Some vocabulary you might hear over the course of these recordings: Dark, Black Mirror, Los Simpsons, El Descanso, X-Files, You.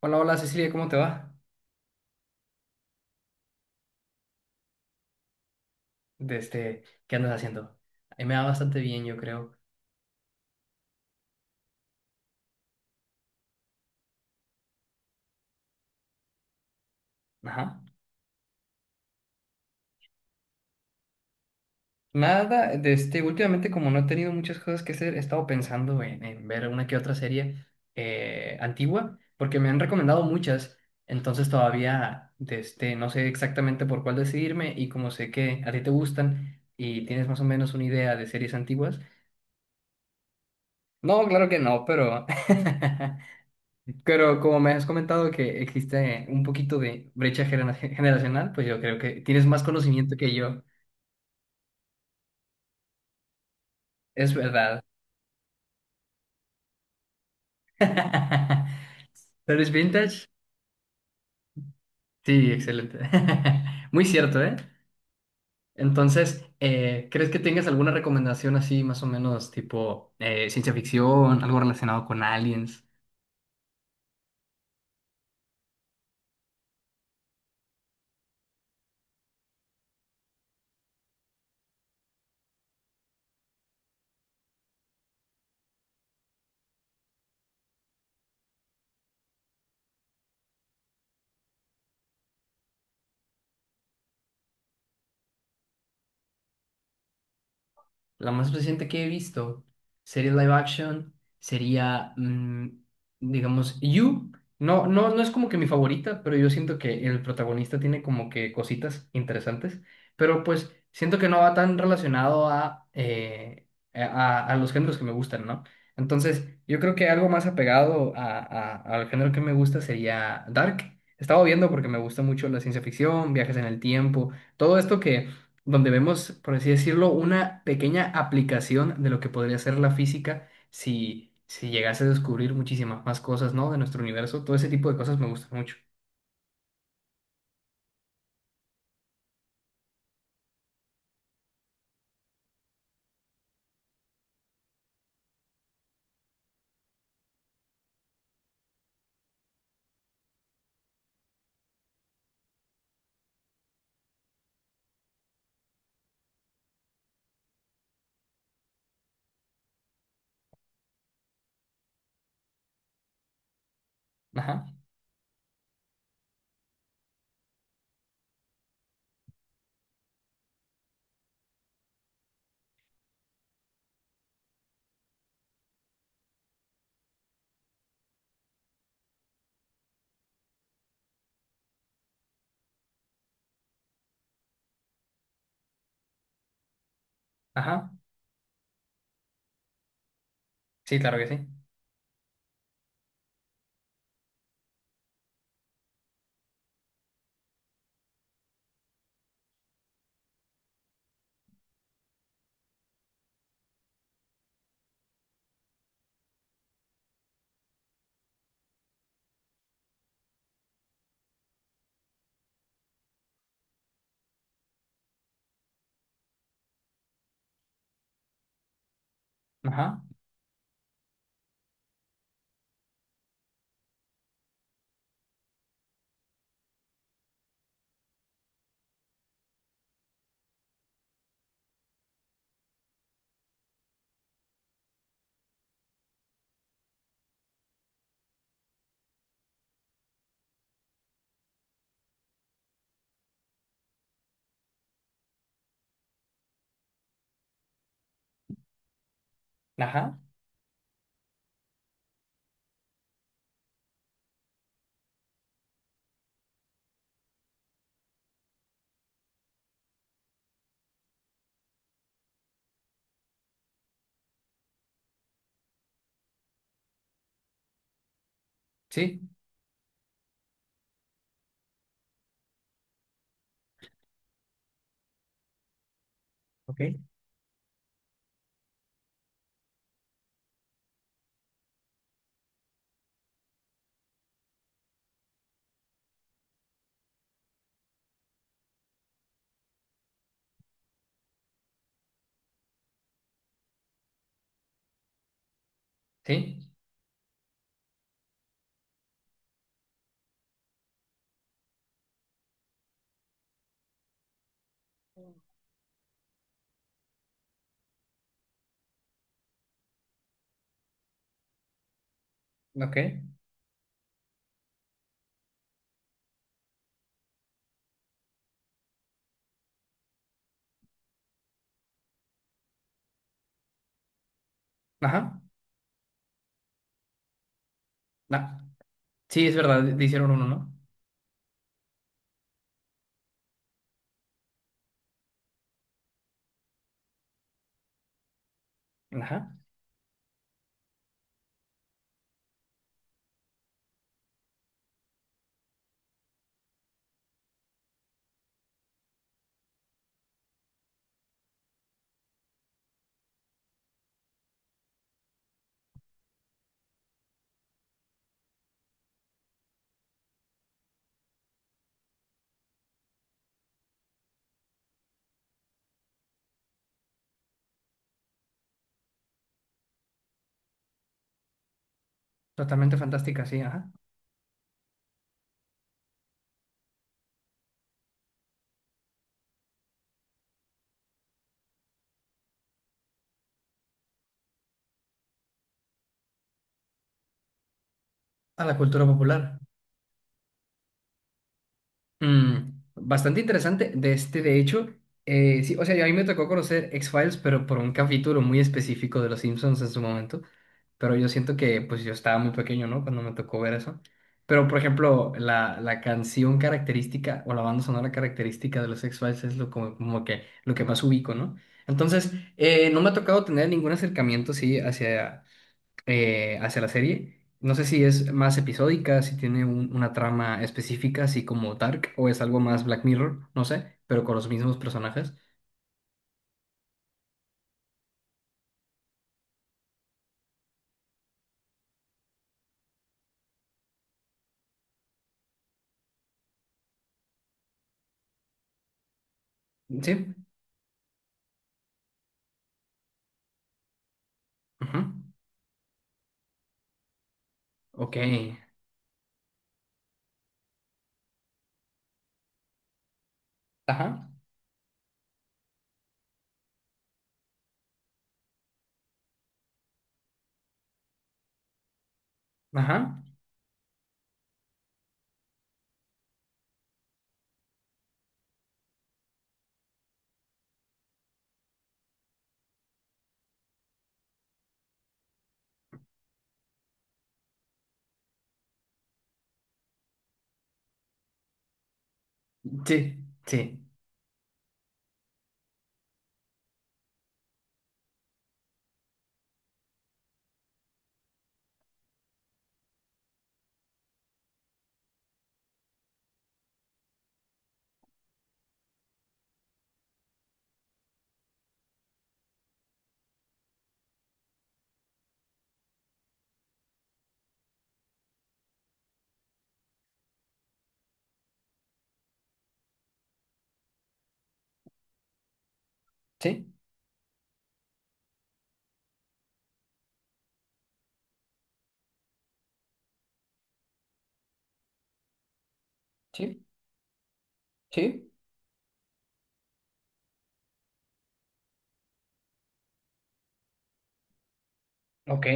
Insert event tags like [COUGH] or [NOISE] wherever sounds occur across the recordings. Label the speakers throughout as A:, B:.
A: Hola, hola Cecilia, ¿cómo te va? ¿Qué andas haciendo? A mí me va bastante bien, yo creo. Ajá. Nada, últimamente como no he tenido muchas cosas que hacer, he estado pensando en ver una que otra serie antigua, porque me han recomendado muchas, entonces todavía no sé exactamente por cuál decidirme, y como sé que a ti te gustan y tienes más o menos una idea de series antiguas. No, claro que no, pero [LAUGHS] pero como me has comentado que existe un poquito de brecha generacional, pues yo creo que tienes más conocimiento que yo. Es verdad. [LAUGHS] ¿Pero es vintage? Sí, excelente. [LAUGHS] Muy cierto, ¿eh? Entonces, ¿crees que tengas alguna recomendación así, más o menos tipo ciencia ficción, algo relacionado con aliens? La más reciente que he visto, serie live action, sería, digamos, You. No, no es como que mi favorita, pero yo siento que el protagonista tiene como que cositas interesantes, pero pues siento que no va tan relacionado a, a los géneros que me gustan, ¿no? Entonces, yo creo que algo más apegado a, al género que me gusta sería Dark. Estaba viendo porque me gusta mucho la ciencia ficción, viajes en el tiempo, todo esto que donde vemos, por así decirlo, una pequeña aplicación de lo que podría ser la física si llegase a descubrir muchísimas más cosas, ¿no? De nuestro universo. Todo ese tipo de cosas me gustan mucho. Ajá, ajá, sí, claro que sí. Ajá, ajá, sí, ok, sí, ok, ajá, na- sí, es verdad, le hicieron uno, ¿no? Ajá, totalmente fantástica, sí, ajá. A la cultura popular. Mm, bastante interesante de hecho, sí, o sea, a mí me tocó conocer X-Files, pero por un capítulo muy específico de Los Simpsons en su momento, pero yo siento que pues yo estaba muy pequeño, ¿no? Cuando me tocó ver eso. Pero, por ejemplo, la canción característica o la banda sonora característica de los X-Files es lo, como, como que, lo que más ubico, ¿no? Entonces, no me ha tocado tener ningún acercamiento, sí, hacia hacia la serie. No sé si es más episódica, si tiene una trama específica, así como Dark, o es algo más Black Mirror, no sé, pero con los mismos personajes. Sí. Ajá. Ok. Ajá. Ajá. Sí. Sí. Sí. Sí. Sí. Ok.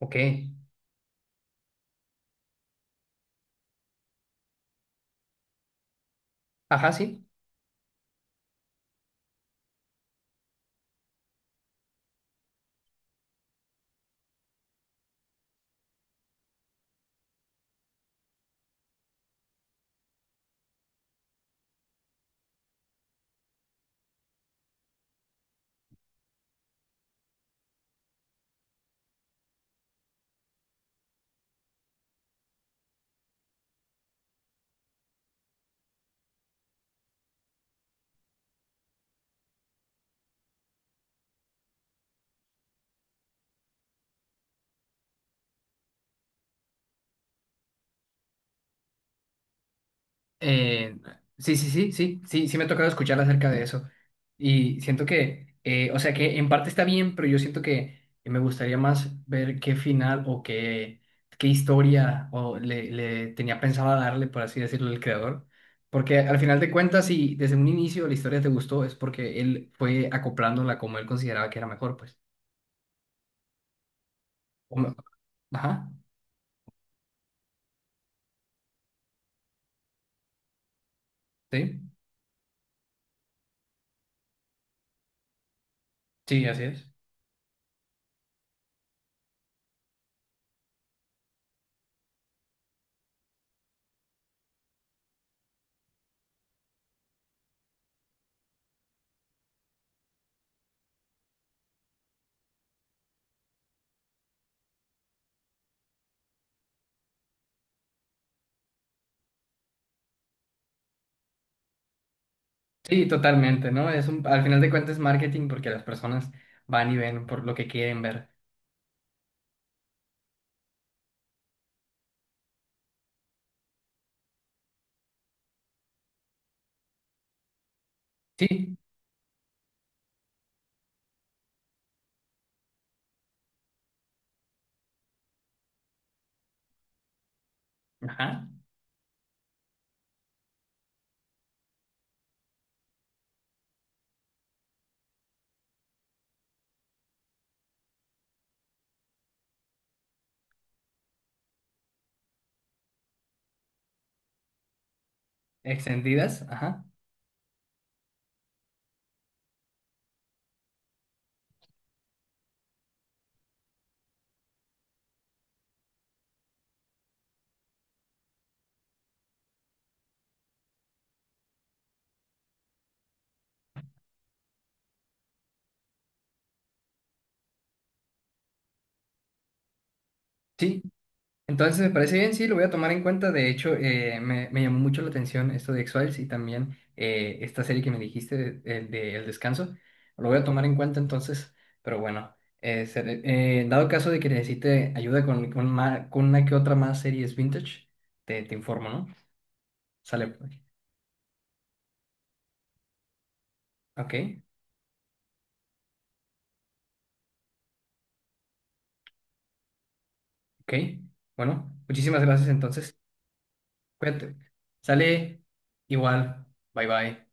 A: Ok. Ajá, sí. Eh, sí, sí, sí, sí, sí, sí, me ha tocado escuchar acerca de eso. Y siento que, o sea, que en parte está bien, pero yo siento que me gustaría más ver qué final o qué, qué historia o le tenía pensado darle, por así decirlo, el creador. Porque al final de cuentas, si desde un inicio la historia te gustó, es porque él fue acoplándola como él consideraba que era mejor, pues. O me- Ajá, sí, sí, así es. Sí, totalmente, ¿no? Es un, al final de cuentas es marketing porque las personas van y ven por lo que quieren ver. Sí, ajá, extendidas, ajá, sí. Entonces me parece bien, sí, lo voy a tomar en cuenta. De hecho, me llamó mucho la atención esto de X-Files y también esta serie que me dijiste de El Descanso. Lo voy a tomar en cuenta entonces, pero bueno, dado caso de que necesite ayuda con una que otra más series vintage, te informo, ¿no? Sale, pues. Ok. Ok, bueno, muchísimas gracias entonces. Cuídate. Sale igual. Bye bye.